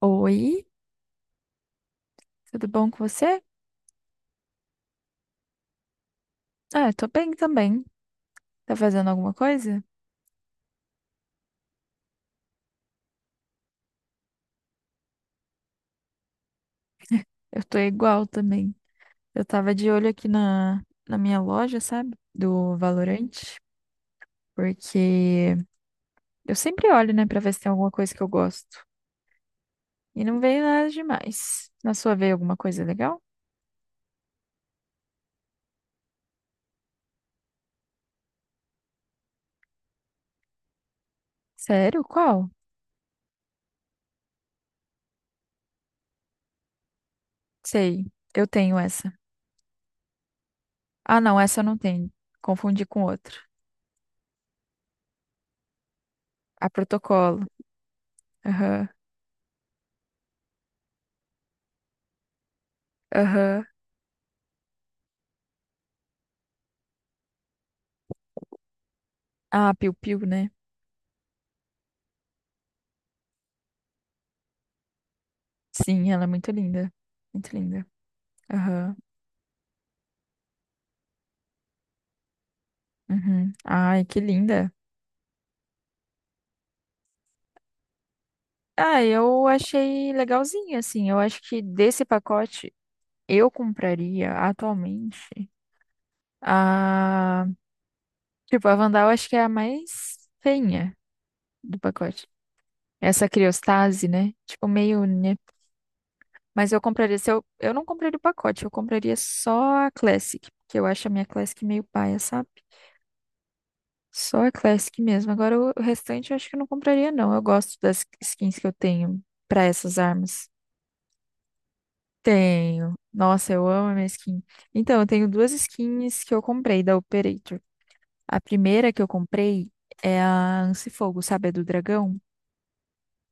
Oi, tudo bom com você? Ah, tô bem também. Tá fazendo alguma coisa? Eu tô igual também. Eu tava de olho aqui na minha loja, sabe? Do Valorant, porque eu sempre olho, né, pra ver se tem alguma coisa que eu gosto. E não veio nada demais. Na sua veio alguma coisa legal? Sério? Qual? Sei, eu tenho essa. Ah, não, essa eu não tenho. Confundi com outra. A Protocolo. Aham, aham. Ah, Piu Piu, né? Sim, ela é muito linda. Muito linda. Aham, uhum. Ai, que linda. Ah, eu achei legalzinho, assim. Eu acho que desse pacote eu compraria atualmente a. Tipo, a Vandal acho que é a mais feinha do pacote. Essa criostase, né? Tipo, meio, né? Mas eu compraria. Se eu não compraria o pacote, eu compraria só a Classic, porque eu acho a minha Classic meio paia, sabe? Só a Classic mesmo. Agora o restante eu acho que eu não compraria, não. Eu gosto das skins que eu tenho pra essas armas. Tenho. Nossa, eu amo a minha skin. Então, eu tenho duas skins que eu comprei da Operator. A primeira que eu comprei é a Ansifogo, sabe? A do dragão.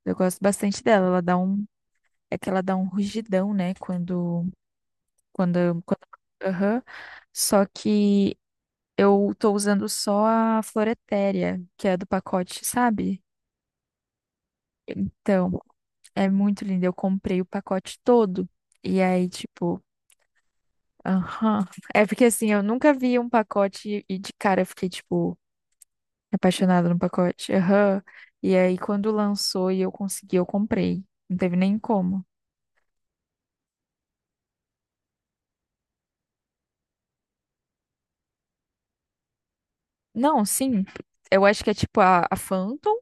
Eu gosto bastante dela. Ela dá um. É que ela dá um rugidão, né? Quando. quando... Aham. Só que eu tô usando só a Floretéria, que é a do pacote, sabe? Então, é muito linda. Eu comprei o pacote todo. E aí, tipo. Aham. É porque assim, eu nunca vi um pacote e de cara eu fiquei, tipo, apaixonada no pacote. Aham. E aí, quando lançou e eu consegui, eu comprei. Não teve nem como. Não, sim. Eu acho que é tipo a Phantom,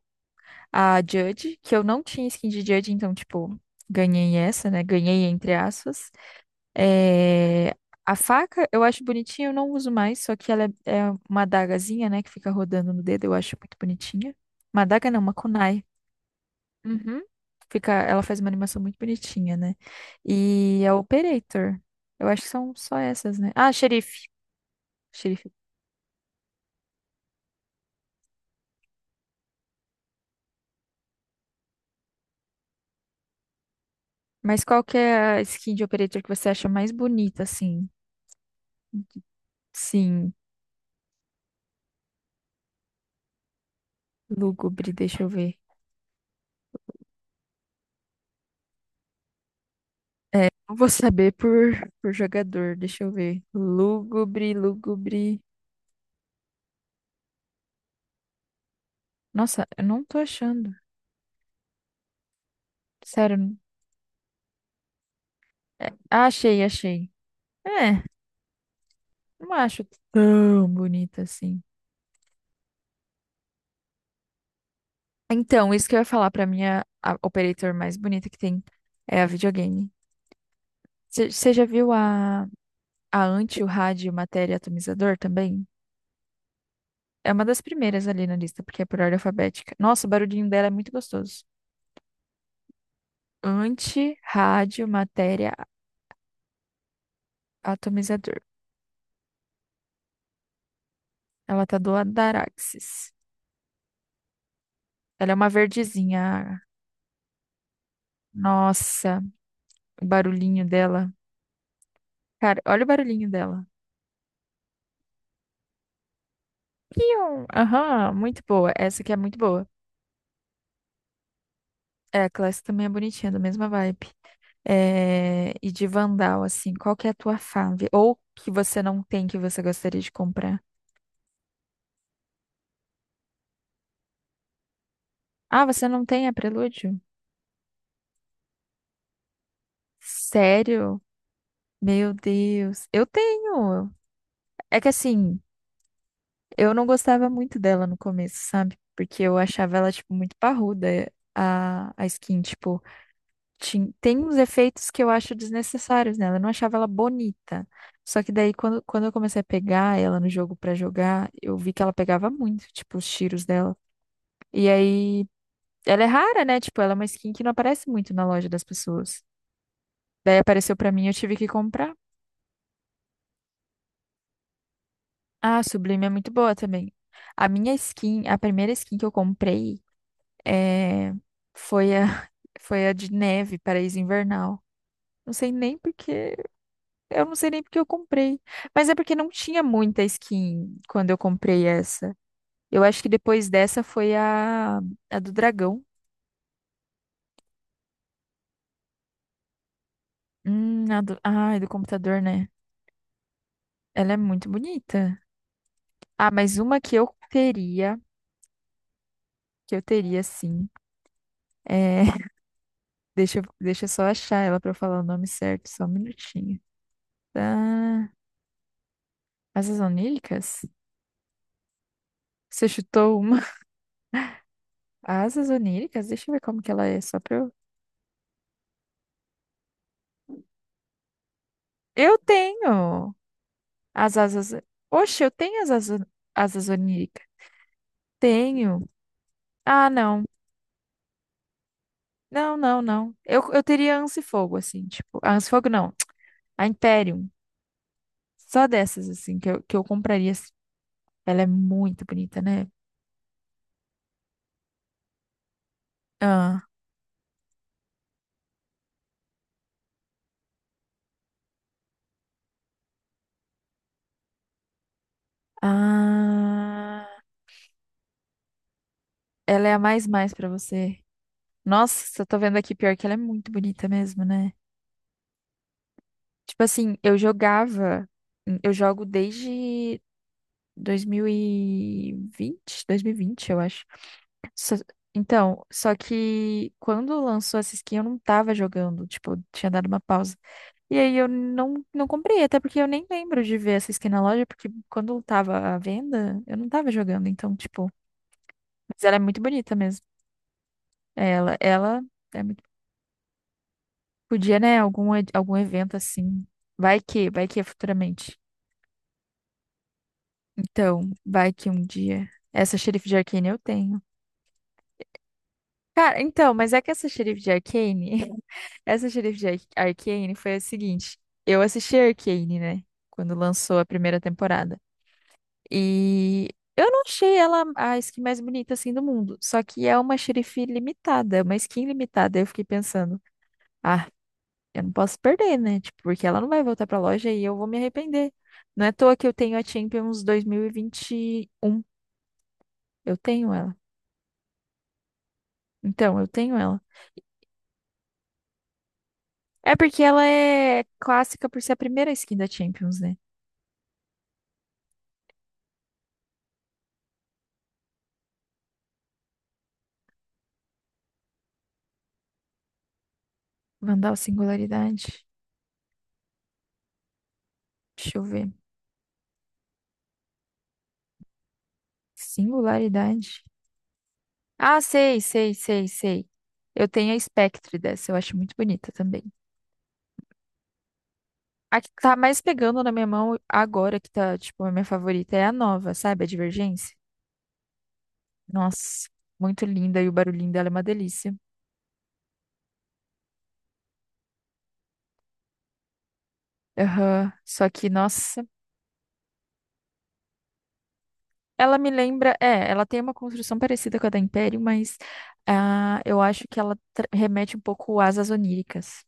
a Judge, que eu não tinha skin de Judge, então, tipo, ganhei essa, né? Ganhei entre aspas. É... A faca eu acho bonitinha, eu não uso mais, só que ela é uma adagazinha, né? Que fica rodando no dedo, eu acho muito bonitinha. Uma adaga não, uma kunai. Uhum. Fica, ela faz uma animação muito bonitinha, né? E a Operator. Eu acho que são só essas, né? Ah, Xerife. Xerife. Mas qual que é a skin de Operator que você acha mais bonita, assim? Sim, lúgubre, deixa eu ver. É, não vou saber por jogador, deixa eu ver. Lúgubre, lúgubre. Nossa, eu não tô achando. Sério. É, ah, achei, achei. É, não acho tão bonita assim. Então, isso que eu ia falar pra minha a operator mais bonita que tem é a videogame. Você já viu a anti, o rádio, matéria e atomizador também? É uma das primeiras ali na lista, porque é por ordem alfabética. Nossa, o barulhinho dela é muito gostoso. Anti, rádio, matéria, atomizador. Ela tá do Adaraxis. Ela é uma verdezinha. Nossa, o barulhinho dela. Cara, olha o barulhinho dela. Pium! Aham, muito boa. Essa aqui é muito boa. É, a classe também é bonitinha, da mesma vibe. É, e de Vandal, assim, qual que é a tua fave? Ou que você não tem que você gostaria de comprar? Ah, você não tem a Prelúdio? Sério? Meu Deus. Eu tenho. É que assim, eu não gostava muito dela no começo, sabe? Porque eu achava ela, tipo, muito parruda, é, a skin. Tipo, tem uns efeitos que eu acho desnecessários nela. Eu não achava ela bonita. Só que daí, quando eu comecei a pegar ela no jogo pra jogar, eu vi que ela pegava muito, tipo, os tiros dela. E aí, ela é rara, né? Tipo, ela é uma skin que não aparece muito na loja das pessoas. Daí apareceu pra mim, eu tive que comprar. Ah, a Sublime é muito boa também. A minha skin, a primeira skin que eu comprei é... foi a... foi a de neve, Paraíso Invernal. Não sei nem porque, eu não sei nem porque eu comprei. Mas é porque não tinha muita skin quando eu comprei essa. Eu acho que depois dessa foi a do dragão. Ai, do computador, né? Ela é muito bonita. Ah, mas uma que eu teria sim. É, deixa eu só achar ela pra eu falar o nome certo, só um minutinho. Tá. Asas oníricas? Você chutou uma? Asas oníricas? Deixa eu ver como que ela é, só pra eu. Eu tenho as asas. Oxe, eu tenho as asas, asas oníricas. Tenho. Ah, não. Não, não, não. Eu teria Anse Fogo, assim, tipo. A Anse Fogo não. A Imperium. Só dessas, assim, que eu compraria. Assim. Ela é muito bonita, né? Ah, Ah, ela é a mais mais pra você. Nossa, eu tô vendo aqui pior que ela é muito bonita mesmo, né? Tipo assim, eu jogava, eu jogo desde dois mil e vinte, eu acho. Só- então, só que quando lançou essa skin eu não tava jogando, tipo, eu tinha dado uma pausa. E aí eu não comprei, até porque eu nem lembro de ver essa skin na loja, porque quando tava à venda, eu não tava jogando, então, tipo, mas ela é muito bonita. Ela é podia, né? Algum, algum evento assim. Vai que é futuramente. Então, vai que um dia. Essa xerife de Arcane eu tenho. Cara, então, mas é que essa xerife de Arcane. Essa xerife de Arcane foi a seguinte. Eu assisti a Arcane, né? Quando lançou a primeira temporada. E eu não achei ela a skin mais bonita assim do mundo. Só que é uma xerife limitada, uma skin limitada. Eu fiquei pensando. Ah, eu não posso perder, né? Tipo, porque ela não vai voltar pra loja e eu vou me arrepender. Não é à toa que eu tenho a Champions 2021. Eu tenho ela. Então, eu tenho ela. É porque ela é clássica por ser a primeira skin da Champions, né? Vandal Singularidade. Deixa eu ver. Singularidade. Ah, sei, sei, sei, sei. Eu tenho a Spectre dessa, eu acho muito bonita também. A que tá mais pegando na minha mão agora, que tá, tipo, a minha favorita, é a nova, sabe? A Divergência. Nossa, muito linda e o barulhinho dela é uma delícia. Aham, só que, nossa, ela me lembra. É, ela tem uma construção parecida com a da Império, mas ah, eu acho que ela remete um pouco às asas oníricas.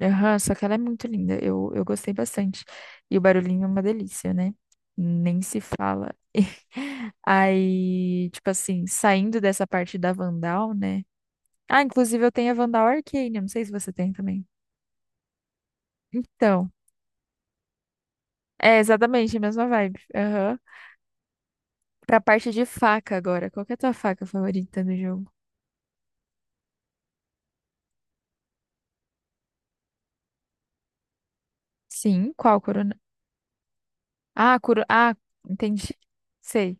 Aham, só que ela é muito linda. Eu gostei bastante. E o barulhinho é uma delícia, né? Nem se fala. Aí, tipo assim, saindo dessa parte da Vandal, né? Ah, inclusive eu tenho a Vandal Arcane, eu não sei se você tem também. Então. É, exatamente, a mesma vibe. Aham. Pra parte de faca agora. Qual que é a tua faca favorita no jogo? Sim, qual corona? Ah, Ah, entendi. Sei.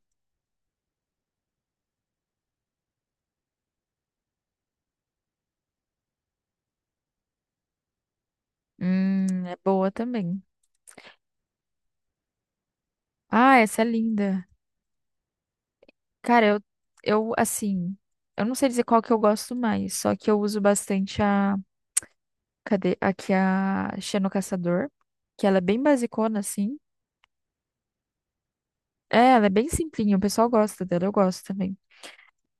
É boa também. Ah, essa é linda. Cara, eu assim, eu não sei dizer qual que eu gosto mais, só que eu uso bastante a, cadê? Aqui a Xeno Caçador, que ela é bem basicona assim. É, ela é bem simplinha, o pessoal gosta dela, eu gosto também.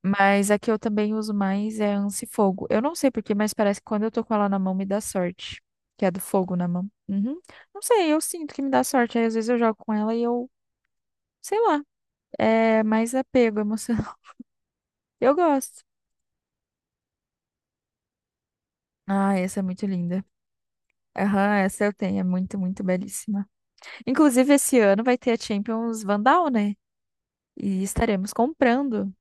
Mas a que eu também uso mais é a Ansi Fogo. Eu não sei por porquê, mas parece que quando eu tô com ela na mão me dá sorte. Que é do fogo na mão. Uhum. Não sei, eu sinto que me dá sorte. Aí às vezes eu jogo com ela e eu, sei lá, é mais apego emocional. Eu gosto. Ah, essa é muito linda. Aham, essa eu tenho, é muito, muito belíssima. Inclusive, esse ano vai ter a Champions Vandal, né? E estaremos comprando.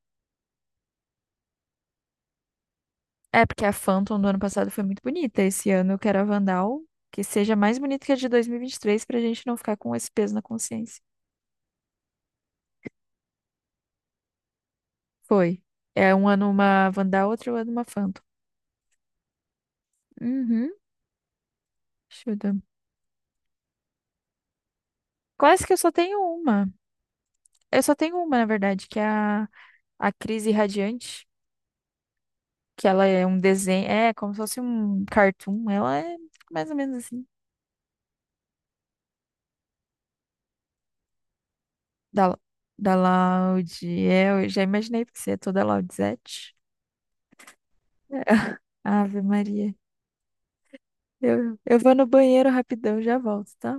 É, porque a Phantom do ano passado foi muito bonita. Esse ano eu quero a Vandal que seja mais bonita que a de 2023 pra gente não ficar com esse peso na consciência. Foi. É um ano uma Vandal, outro ano uma Phantom. Uhum. Chuta. Quase que eu só tenho uma. Eu só tenho uma, na verdade, que é a Crise Radiante, que ela é um desenho, é como se fosse um cartoon. Ela é mais ou menos assim. Da, da Loud. É, eu já imaginei, porque você é toda Loudzette. Ave Maria. Eu vou no banheiro rapidão, já volto, tá?